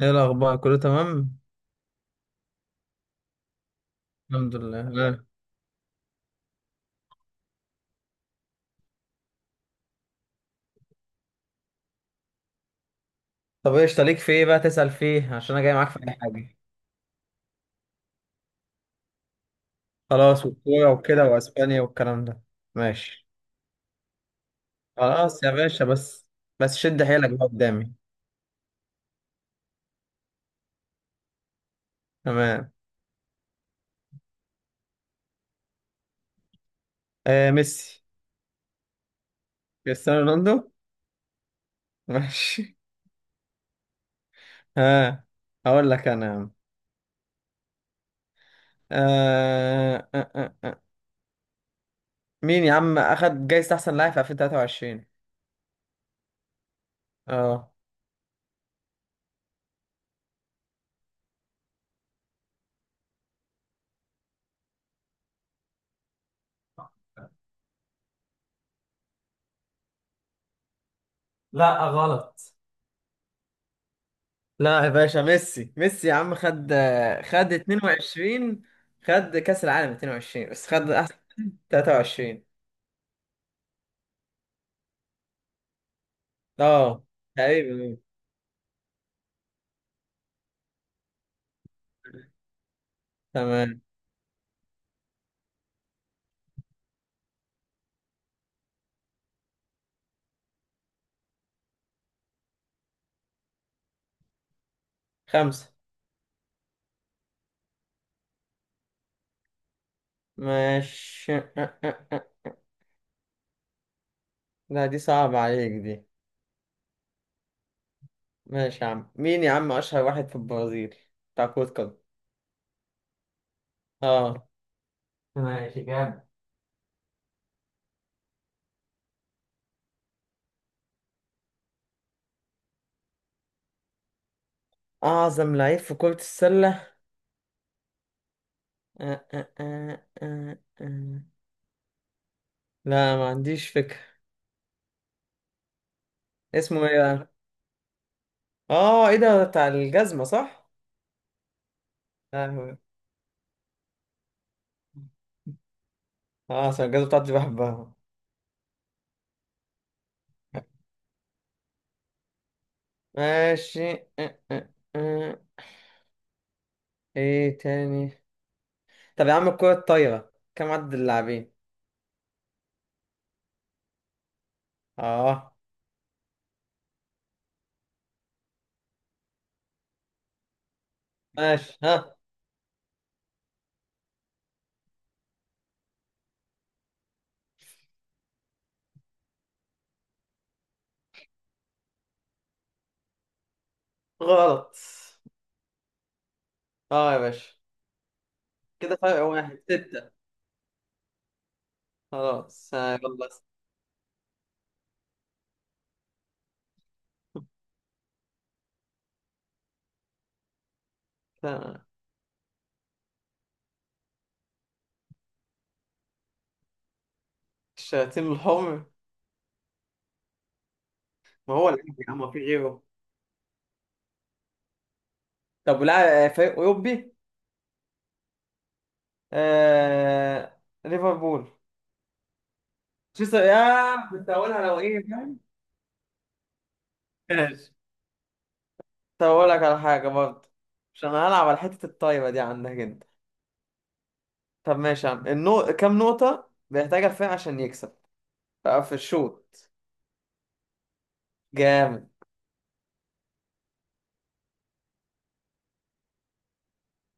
ايه الاخبار كله تمام؟ الحمد لله، لا. طب، ايش ليك في ايه بقى تسأل فيه، عشان انا جاي معاك في اي حاجه. خلاص، والكوره وكده واسبانيا والكلام ده. ماشي. خلاص يا باشا، بس. بس شد حيلك بقى قدامي. تمام. آه، ميسي. كريستيانو رونالدو. ماشي. ها. هقول لك انا يا عم. آه آه آه آه. مين يا عم اخد جايزة احسن لاعب في 2023؟ اه. لا، غلط. لا يا باشا، ميسي ميسي يا عم، خد خد 22. خد كأس العالم 22، بس خد أحسن. 23. اه، تقريبا. تمام. خمسة. ماشي. أه، أه، أه، أه. لا، دي صعبة عليك دي. ماشي يا عم، مين يا عم أشهر واحد في البرازيل بتاع كرة قدم؟ اه. ماشي، جامد. أعظم لعيب في كرة السلة؟ أه أه أه أه أه. لا، ما عنديش فكرة. اسمه ايه بقى؟ اه، ايه ده بتاع الجزمة صح؟ اه، عشان الجزء بتاعتي بحبها. ماشي. أه، أه، أه. ايه تاني؟ طب يا عم، الكرة الطايرة كم عدد اللاعبين؟ اه. ماشي، ها. غلط. اه يا باشا، كده فرق واحد، ستة. خلاص، آه، يلا. ستة. الشياطين الحمر؟ ما هو الأهلي يا عم، ما في غيره. طب، ولا فريق أوروبي؟ آه... ليفربول. شو، يا كنت هقولها لو ايه، فاهم. ماشي. طب أقول لك على حاجة برضه. عشان انا هلعب على حتة الطايرة دي عندك أنت. طب ماشي يا عم، كام نقطة بيحتاجها الفريق عشان يكسب بقى في الشوط؟ جامد.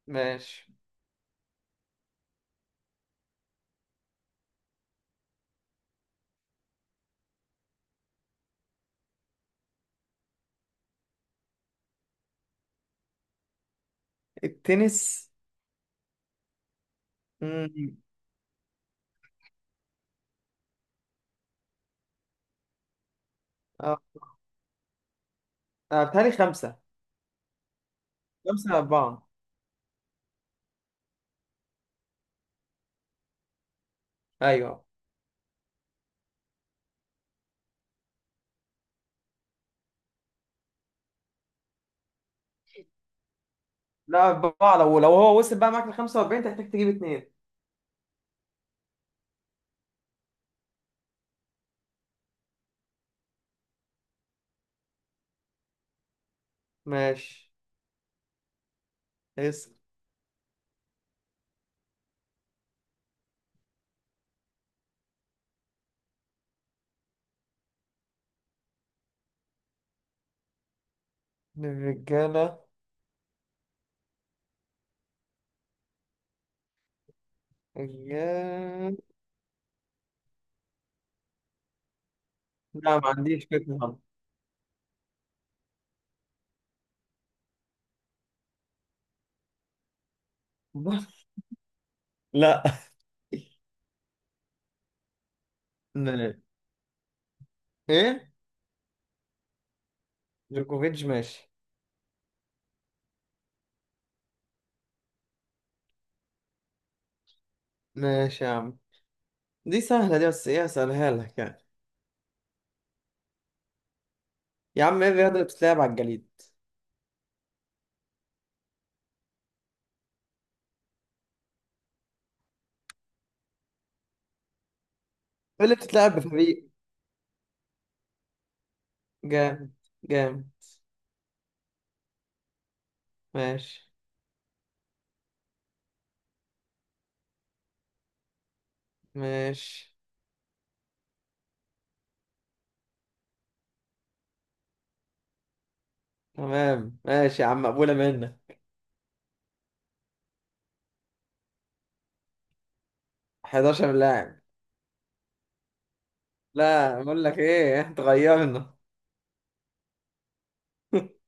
ماشي. التنس. مم. أه أه، بيتهيألي خمسة. خمسة، أربعة. أيوه. لا، أربعة، لو هو وصل بقى معاك ل 45 تحتاج تجيب اتنين. ماشي. اسأل. الرجالة. رجالة. لا، ما عنديش فكرة خالص. لا. إيه؟ جوكوفيتش، ماشي. ماشي يا عم، دي سهلة دي، بس ايه اسألها لك يعني. يا عم، ايه الرياضة اللي بتتلعب على الجليد؟ ايه اللي بتتلعب بفريق؟ جامد، جامد. ماشي. ماشي. تمام، ماشي يا عم، مقبولة منك. 11 لاعب. لا، بقول لك ايه، اتغيرنا.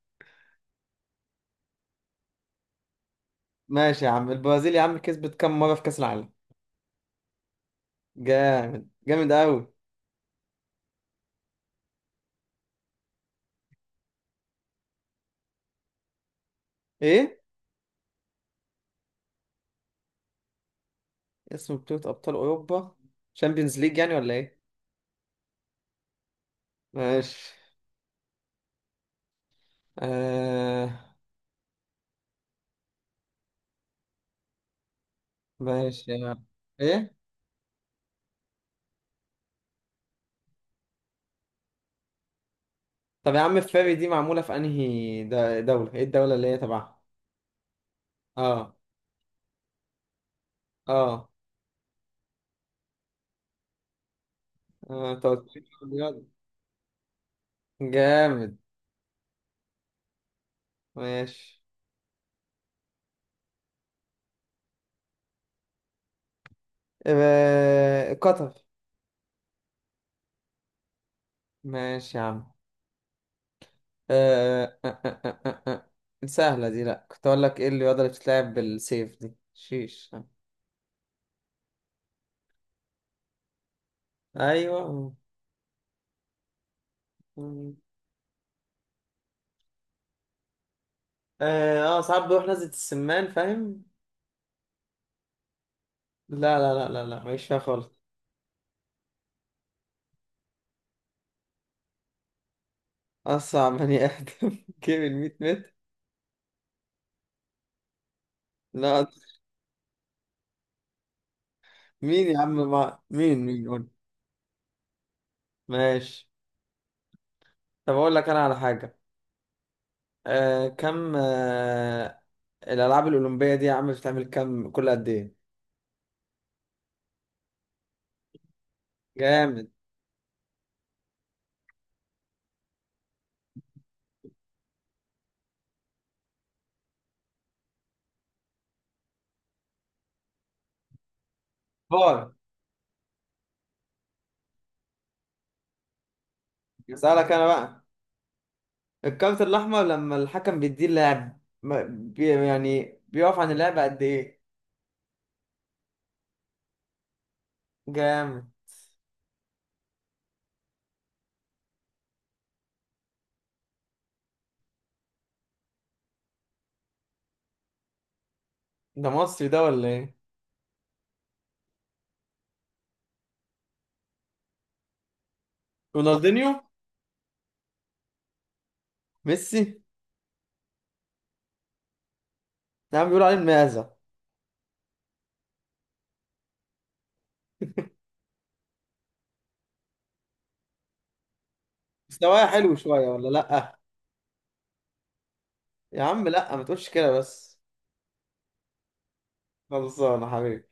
ماشي يا عم، البرازيل يا عم كسبت كام مرة في كأس العالم؟ جامد، جامد قوي. ايه؟ اسم بطولة أبطال أوروبا؟ شامبيونز ليج يعني، ولا ايه؟ ماشي. آه... ماشي يا عم. ايه؟ طب يا عم، فاري دي معمولة في أنهي دولة؟ إيه الدولة اللي هي تبعها؟ آه آه آه، أنت قلت لي الرياض. جامد. ماشي. آه، قطر. ماشي يا عم. آه، آه، آه، آه، آه. آه، سهلة دي، لأ كنت أقول لك، إيه الرياضة اللي بتتلعب بالسيف دي؟ شيش. أيوه. آه آه، ساعات بروح نزلة السمان، فاهم؟ لا لا لا لا لا، ماليش فيها خالص. أصعب بني آدم جيب الميت متر. لا. مين يا عم مين؟ ماشي. طب اقول لك انا على حاجه. آه كم آه الالعاب الاولمبيه دي يا عم بتعمل كم، كل قد ايه؟ جامد. باي. اسالك انا بقى. الكارت الاحمر لما الحكم بيديه اللاعب بي يعني بيقف عن اللعب قد ايه؟ جامد. ده مصري ده، ولا ايه؟ رونالدينيو. ميسي. يا عم، بيقولوا عليه المعزه. مستواه حلو شويه، ولا لا؟ يا عم، لا ما تقولش كده بس. خلصانه حبيبي.